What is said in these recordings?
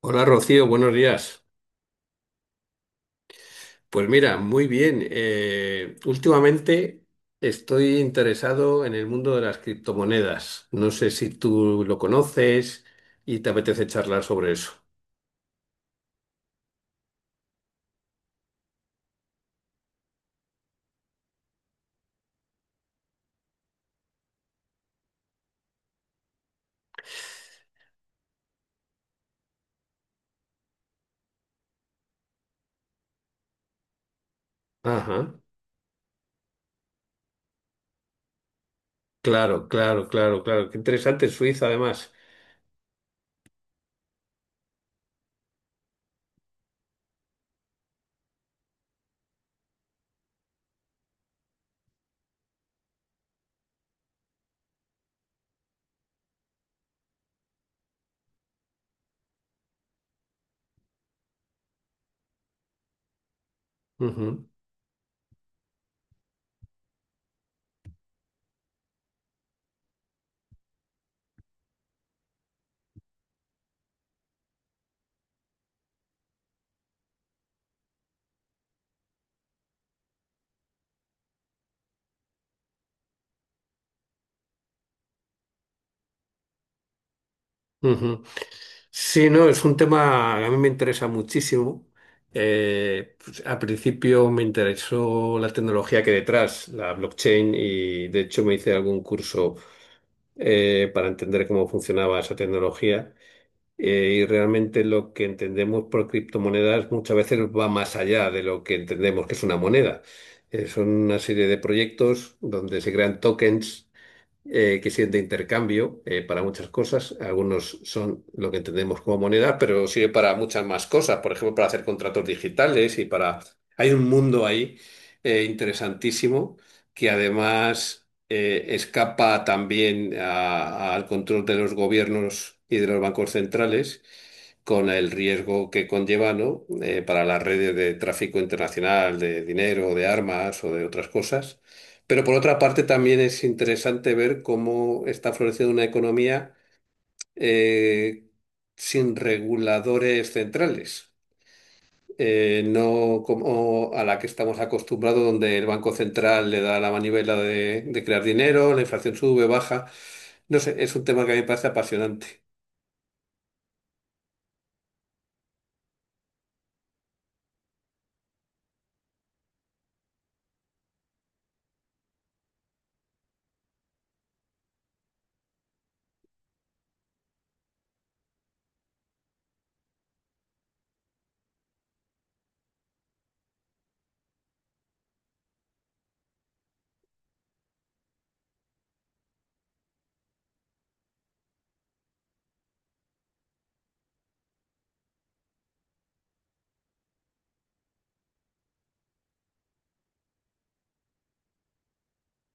Hola Rocío, buenos días. Pues mira, muy bien. Últimamente estoy interesado en el mundo de las criptomonedas. No sé si tú lo conoces y te apetece charlar sobre eso. Ajá. Claro, claro, claro, claro. Qué interesante, Suiza además. Ujú, ujú. Sí, no, es un tema que a mí me interesa muchísimo. Pues, al principio me interesó la tecnología que hay detrás, la blockchain, y de hecho me hice algún curso para entender cómo funcionaba esa tecnología. Y realmente lo que entendemos por criptomonedas muchas veces va más allá de lo que entendemos que es una moneda. Son una serie de proyectos donde se crean tokens que sirven de intercambio para muchas cosas. Algunos son lo que entendemos como moneda, pero sirve para muchas más cosas, por ejemplo, para hacer contratos digitales y para... Hay un mundo ahí interesantísimo que además escapa también al control de los gobiernos y de los bancos centrales con el riesgo que conlleva, ¿no? Para las redes de tráfico internacional de dinero, de armas o de otras cosas. Pero por otra parte también es interesante ver cómo está floreciendo una economía eh, sin reguladores centrales, no como a la que estamos acostumbrados, donde el Banco Central le da la manivela de crear dinero, la inflación sube, baja. No sé, es un tema que a mí me parece apasionante.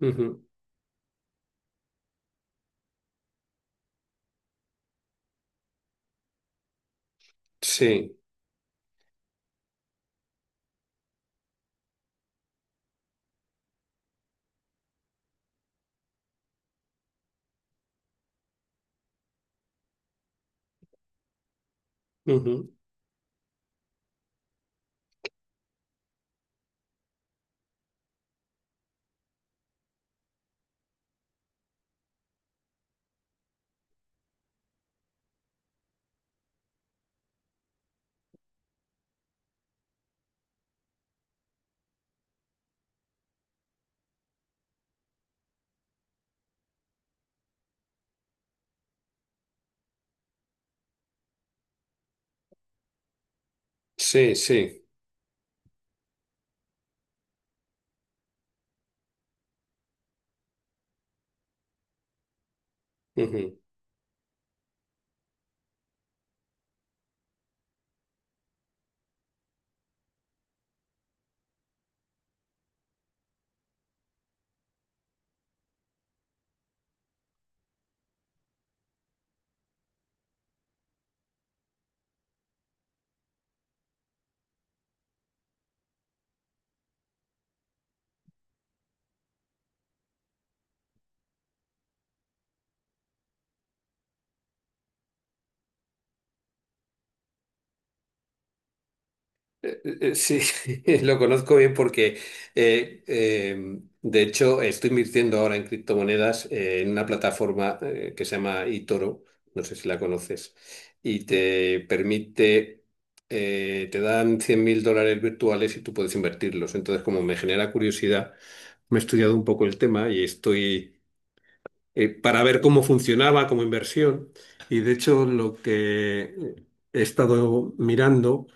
Ujú. Sí, ujú. Sí, sí. Ujú. Sí, lo conozco bien porque de hecho, estoy invirtiendo ahora en criptomonedas en una plataforma que se llama eToro, no sé si la conoces, y te permite, te dan $100.000 virtuales y tú puedes invertirlos. Entonces, como me genera curiosidad, me he estudiado un poco el tema y estoy para ver cómo funcionaba como inversión. Y de hecho, lo que he estado mirando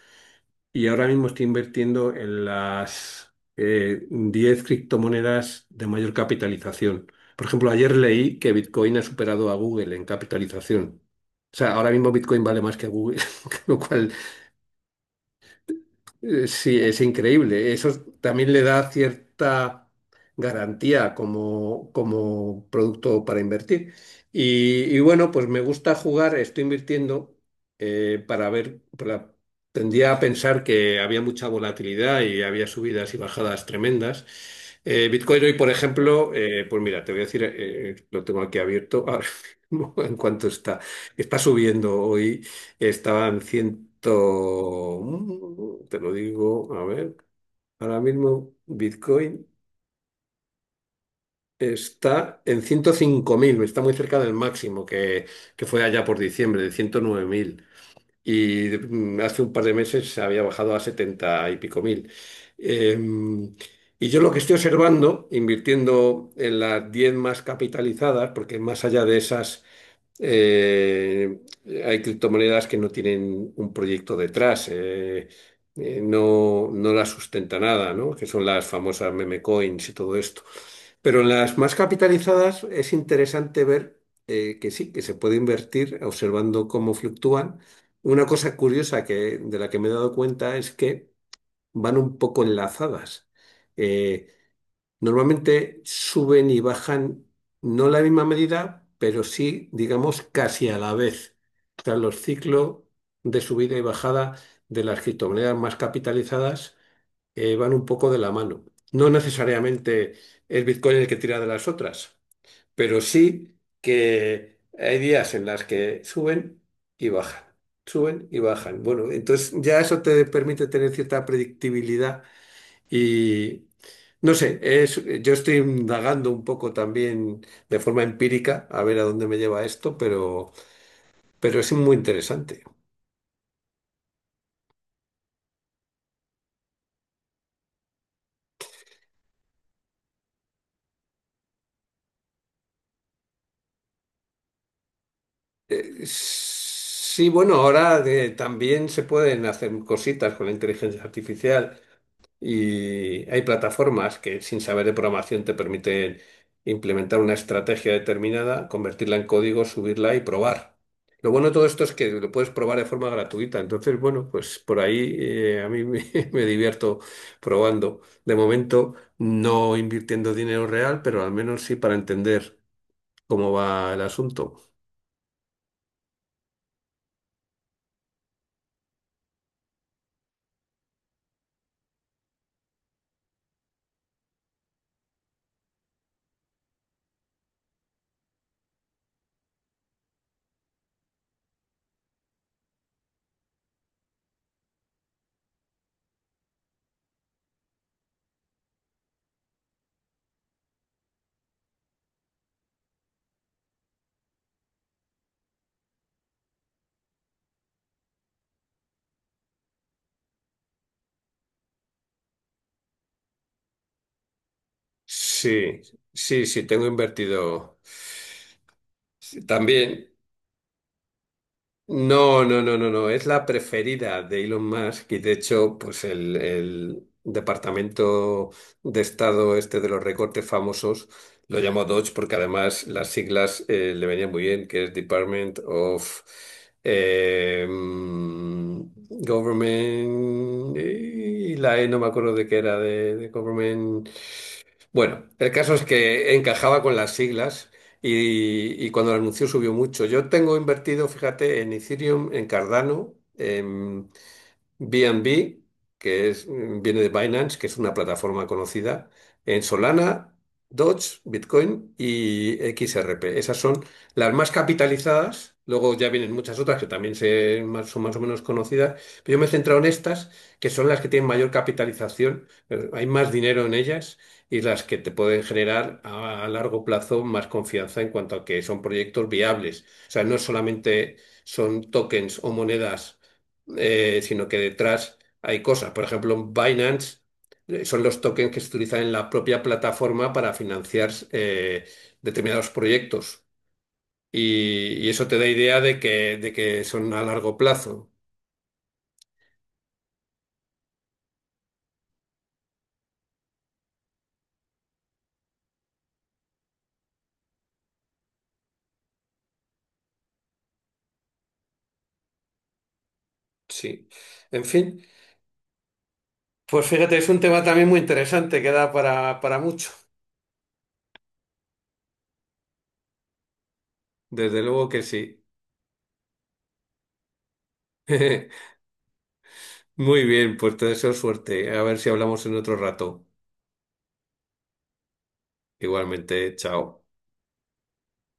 y ahora mismo estoy invirtiendo en las 10 criptomonedas de mayor capitalización. Por ejemplo, ayer leí que Bitcoin ha superado a Google en capitalización. O sea, ahora mismo Bitcoin vale más que Google, lo cual sí, es increíble. Eso también le da cierta garantía como producto para invertir. Y bueno, pues me gusta jugar, estoy invirtiendo para ver. Tendía a pensar que había mucha volatilidad y había subidas y bajadas tremendas. Bitcoin hoy, por ejemplo, pues mira, te voy a decir, lo tengo aquí abierto ahora mismo en cuanto está. Está subiendo hoy. Estaba en ciento, te lo digo, a ver, ahora mismo Bitcoin está en 105.000, está muy cerca del máximo que fue allá por diciembre, de 109.000. Y hace un par de meses se había bajado a 70 y pico mil. Em, y yo lo que estoy observando, invirtiendo en las 10 más capitalizadas, porque más allá de esas eh, hay criptomonedas que no tienen un proyecto detrás, no las sustenta nada, ¿no? Que son las famosas meme coins y todo esto. Pero en las más capitalizadas es interesante ver que sí, que se puede invertir observando cómo fluctúan. Una cosa curiosa que, de la que me he dado cuenta, es que van un poco enlazadas. Eh, Normalmente suben y bajan, no la misma medida, pero sí, digamos, casi a la vez. Tras los ciclos de subida y bajada de las criptomonedas más capitalizadas, van un poco de la mano. No necesariamente es Bitcoin el que tira de las otras, pero sí que hay días en las que suben y bajan, suben y bajan. Bueno, entonces ya eso te permite tener cierta predictibilidad y no sé, es, yo estoy indagando un poco también de forma empírica a ver a dónde me lleva esto, pero es muy interesante. Sí, bueno, ahora también se pueden hacer cositas con la inteligencia artificial. Y hay plataformas que sin saber de programación te permiten implementar una estrategia determinada, convertirla en código, subirla y probar. Lo bueno de todo esto es que lo puedes probar de forma gratuita. Entonces, bueno, pues por ahí a mí me, me divierto probando. De momento, no invirtiendo dinero real, pero al menos sí para entender cómo va el asunto. Sí, sí, sí, tengo invertido. Sí, también. No, no, no, no, no. Es la preferida de Elon Musk y de hecho, pues el Departamento de Estado este de los recortes famosos lo llamó Dodge porque además las siglas le venían muy bien, que es Department of eh, mm, Government, y la E no me acuerdo de qué era, de Government. Bueno, el caso es que encajaba con las siglas y cuando lo anunció subió mucho. Yo tengo invertido, fíjate, en Ethereum, en Cardano. BNB, que es, viene de Binance, que es una plataforma conocida, en Solana, Doge, Bitcoin y XRP. Esas son las más capitalizadas. Luego ya vienen muchas otras que también son más o menos conocidas. Pero yo me he centrado en estas, que son las que tienen mayor capitalización. Hay más dinero en ellas y las que te pueden generar a largo plazo más confianza en cuanto a que son proyectos viables. O sea, no solamente son tokens o monedas sino que detrás hay cosas. Por ejemplo, Binance son los tokens que se utilizan en la propia plataforma para financiar determinados proyectos. Y eso te da idea de que son a largo plazo. Sí. En fin, pues fíjate, es un tema también muy interesante que da para mucho. Desde luego que sí. Muy bien, pues te deseo suerte. A ver si hablamos en otro rato. Igualmente, chao.